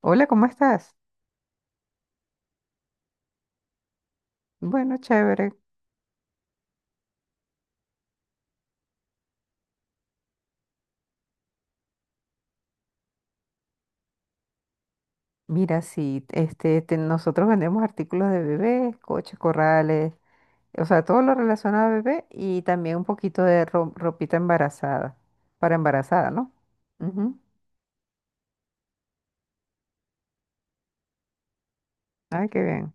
Hola, ¿cómo estás? Bueno, chévere. Mira, sí, te- nosotros vendemos artículos de bebé, coches, corrales, o sea, todo lo relacionado a bebé y también un poquito de ropita embarazada, para embarazada, ¿no? Ujú. Ay, qué bien.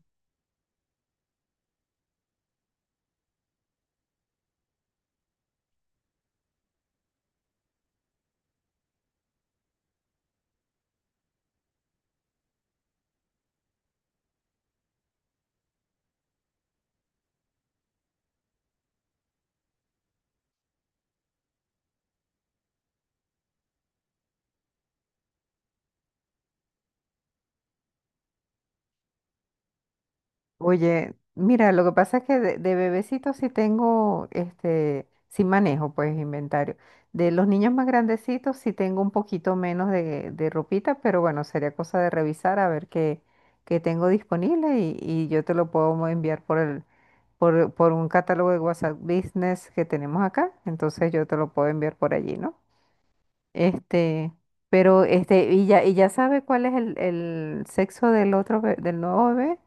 Oye, mira, lo que pasa es que de bebecito sí tengo, este, sí manejo pues inventario. De los niños más grandecitos sí tengo un poquito menos de ropita, pero bueno, sería cosa de revisar a ver qué tengo disponible y yo te lo puedo enviar por por un catálogo de WhatsApp Business que tenemos acá. Entonces yo te lo puedo enviar por allí, ¿no? Este, pero y ya sabe cuál es el sexo del otro, del nuevo bebé.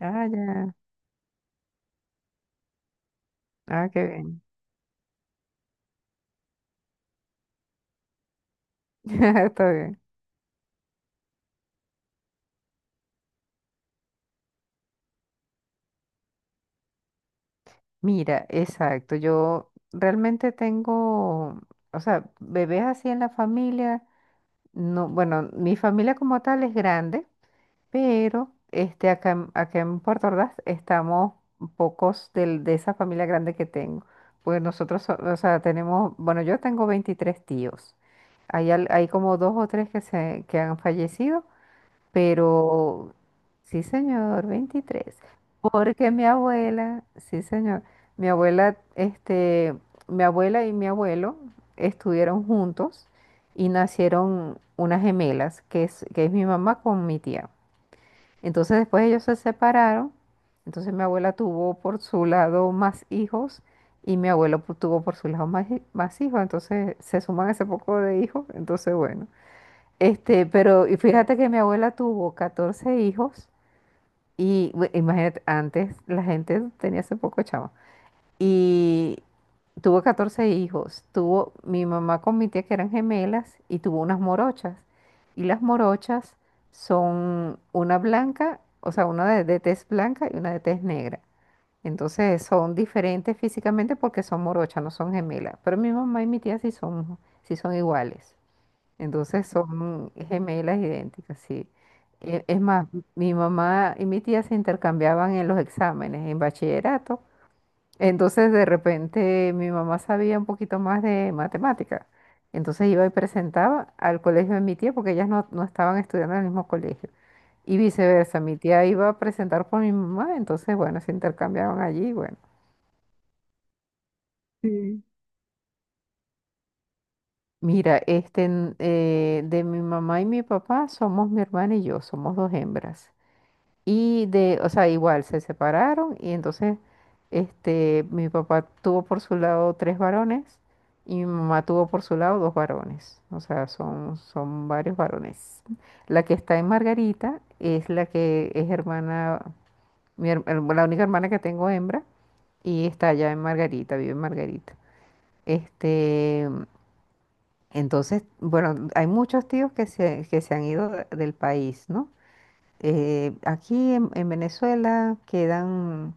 Ah, ya. Ah, qué bien. Está bien. Mira, exacto. Yo realmente tengo, o sea, bebés así en la familia. No, bueno, mi familia como tal es grande, pero acá, acá en Puerto Ordaz estamos pocos de esa familia grande que tengo. Pues nosotros, o sea, tenemos, bueno, yo tengo 23 tíos. Hay, hay como dos o tres que han fallecido. Pero, sí, señor, 23. Porque mi abuela, sí, señor, mi abuela, mi abuela y mi abuelo estuvieron juntos y nacieron unas gemelas, que es mi mamá con mi tía. Entonces después ellos se separaron, entonces mi abuela tuvo por su lado más hijos y mi abuelo tuvo por su lado más, más hijos, entonces se suman ese poco de hijos, entonces bueno. Pero y fíjate que mi abuela tuvo 14 hijos y imagínate, antes la gente tenía ese poco chavo. Y tuvo 14 hijos. Tuvo mi mamá con mi tía que eran gemelas y tuvo unas morochas. Y las morochas son una blanca, o sea, una de tez blanca y una de tez negra. Entonces son diferentes físicamente porque son morochas, no son gemelas. Pero mi mamá y mi tía sí son iguales. Entonces son gemelas idénticas, sí. Es más, mi mamá y mi tía se intercambiaban en los exámenes, en bachillerato. Entonces de repente mi mamá sabía un poquito más de matemática. Entonces iba y presentaba al colegio de mi tía porque ellas no, no estaban estudiando en el mismo colegio. Y viceversa, mi tía iba a presentar por mi mamá, entonces bueno, se intercambiaban allí, bueno. Sí. Mira, de mi mamá y mi papá somos mi hermana y yo, somos dos hembras. Y de, o sea, igual se separaron y entonces mi papá tuvo por su lado tres varones y mi mamá tuvo por su lado dos varones. O sea, son, son varios varones. La que está en Margarita es la que es hermana, mi la única hermana que tengo hembra y está allá en Margarita, vive en Margarita. Este, entonces, bueno, hay muchos tíos que se han ido del país, ¿no? Aquí en Venezuela quedan,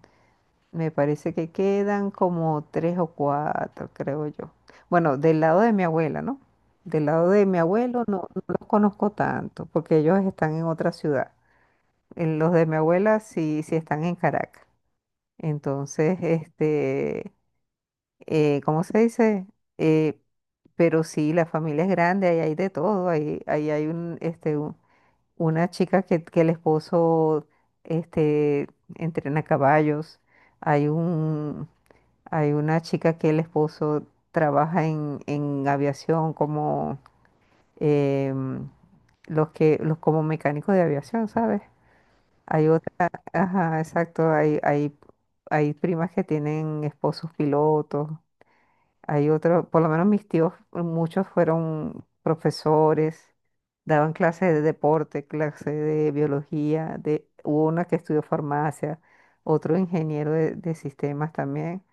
me parece que quedan como tres o cuatro, creo yo. Bueno, del lado de mi abuela, ¿no? Del lado de mi abuelo no, no los conozco tanto, porque ellos están en otra ciudad. En Los de mi abuela sí, sí están en Caracas. Entonces, ¿cómo se dice? Eh, pero sí, la familia es grande, ahí hay de todo, ahí, ahí hay un, una chica que el esposo este, entrena caballos, hay un, hay una chica que el esposo trabaja en aviación como em, los que, los como mecánicos de aviación, ¿sabes? Hay otra, ajá, exacto, hay primas que tienen esposos pilotos, hay otros, por lo menos mis tíos, muchos fueron profesores, daban clases de deporte, clases de biología, de, hubo una que estudió farmacia, otro ingeniero de sistemas también,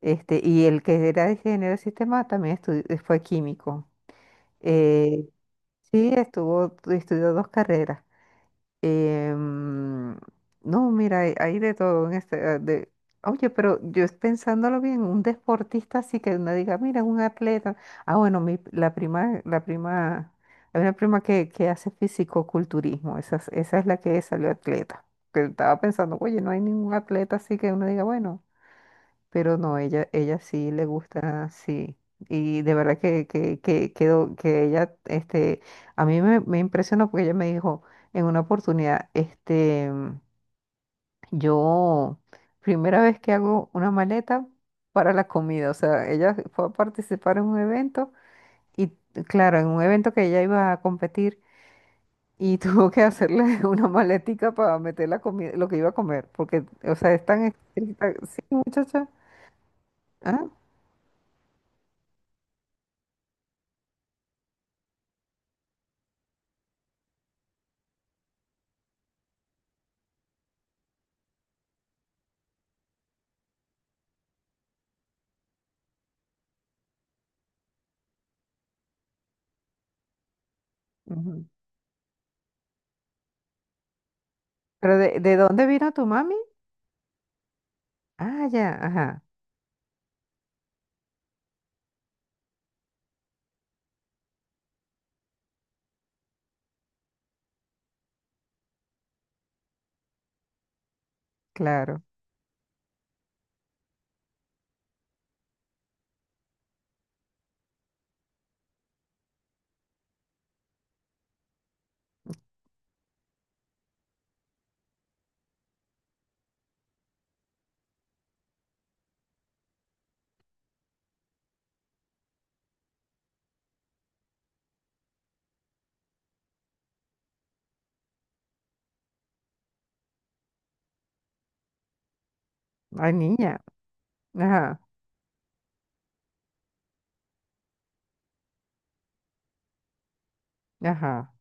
y el que era ingeniero de sistemas también fue químico. Eh, sí, estuvo, estudió dos carreras. Em, no, mira, hay de todo en este. Eh, de, oye, pero yo pensándolo bien, un deportista así que uno diga, mira, un atleta. Ah, bueno, mi, la prima, hay una prima que hace fisicoculturismo, esa, esa es la que salió atleta. Que estaba pensando, oye, no hay ningún atleta así que uno diga, bueno. Pero no, ella sí le gusta, sí. Y de verdad que ella, este, a mí me impresionó porque ella me dijo en una oportunidad, este, yo, primera vez que hago una maleta para la comida, o sea, ella fue a participar en un evento y, claro, en un evento que ella iba a competir y tuvo que hacerle una maletica para meter la comida, lo que iba a comer, porque, o sea, es tan estricta, sí, muchacha. Ah, ujú. ¿Pero de dónde vino tu mami? Ah, ya, ajá, claro. Ay, niña, ajá, ajá.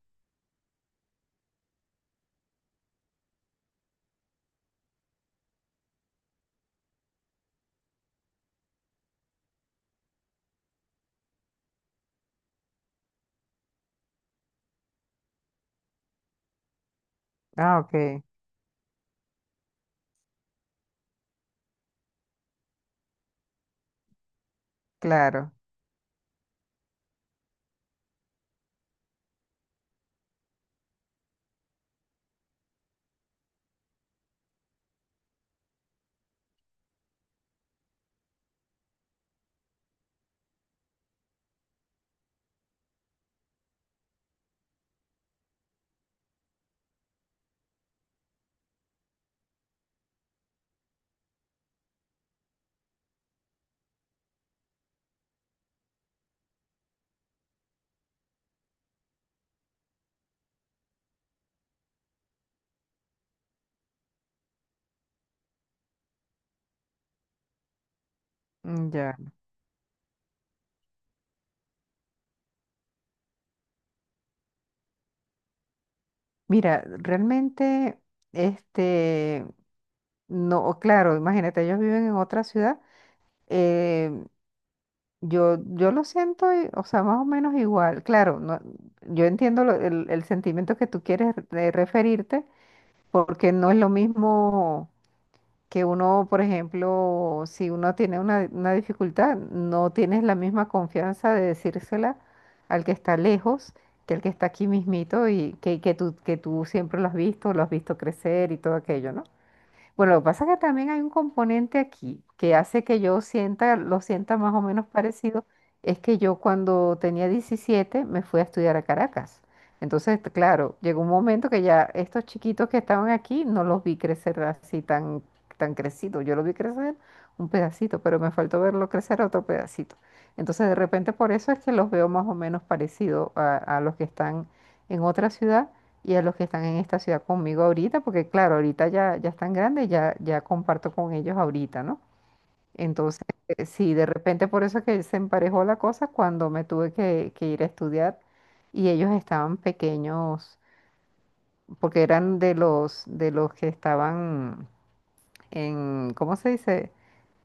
Ah, ok, claro, mm, ya. Mira, realmente, este, no, claro, imagínate, ellos viven en otra ciudad. Eh, yo lo siento, o sea, más o menos igual. Claro, no, yo entiendo el sentimiento que tú quieres de referirte, porque no es lo mismo, que uno, por ejemplo, si uno tiene una dificultad, no tienes la misma confianza de decírsela al que está lejos que al que está aquí mismito y que tú siempre lo has visto crecer y todo aquello, ¿no? Bueno, lo que pasa es que también hay un componente aquí que hace que yo sienta, lo sienta más o menos parecido, es que yo cuando tenía 17 me fui a estudiar a Caracas. Entonces, claro, llegó un momento que ya estos chiquitos que estaban aquí no los vi crecer así tan, tan crecidos. Yo los vi crecer un pedacito, pero me faltó verlo crecer otro pedacito. Entonces, de repente, por eso es que los veo más o menos parecidos a los que están en otra ciudad y a los que están en esta ciudad conmigo ahorita, porque claro, ahorita ya están grandes, ya comparto con ellos ahorita, ¿no? Entonces, sí, de repente por eso es que se emparejó la cosa cuando me tuve que ir a estudiar y ellos estaban pequeños, porque eran de los que estaban en, ¿cómo se dice?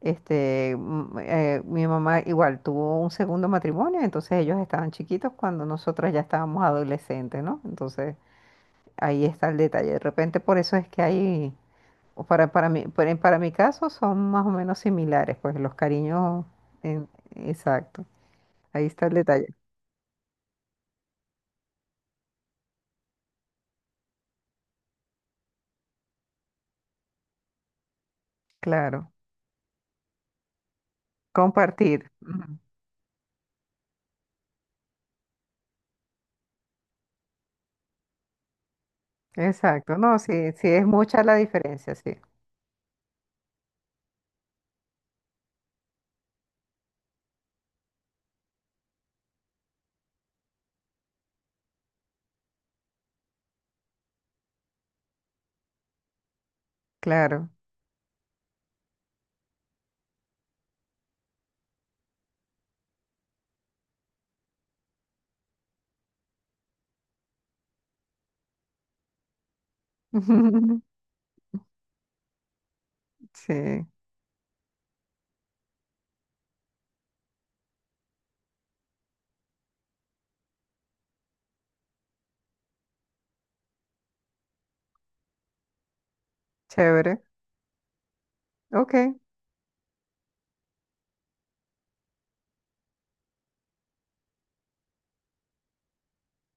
Mi mamá igual tuvo un segundo matrimonio, entonces ellos estaban chiquitos cuando nosotras ya estábamos adolescentes, ¿no? Entonces, ahí está el detalle. De repente por eso es que hay, o para mí, para mi caso son más o menos similares, pues los cariños, en, exacto. Ahí está el detalle. Claro. Compartir. Ujú. Exacto. No, sí, sí es mucha la diferencia, sí. Claro. Sí, chévere. Ok,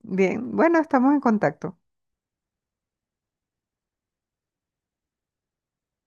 bien. Bueno, estamos en contacto.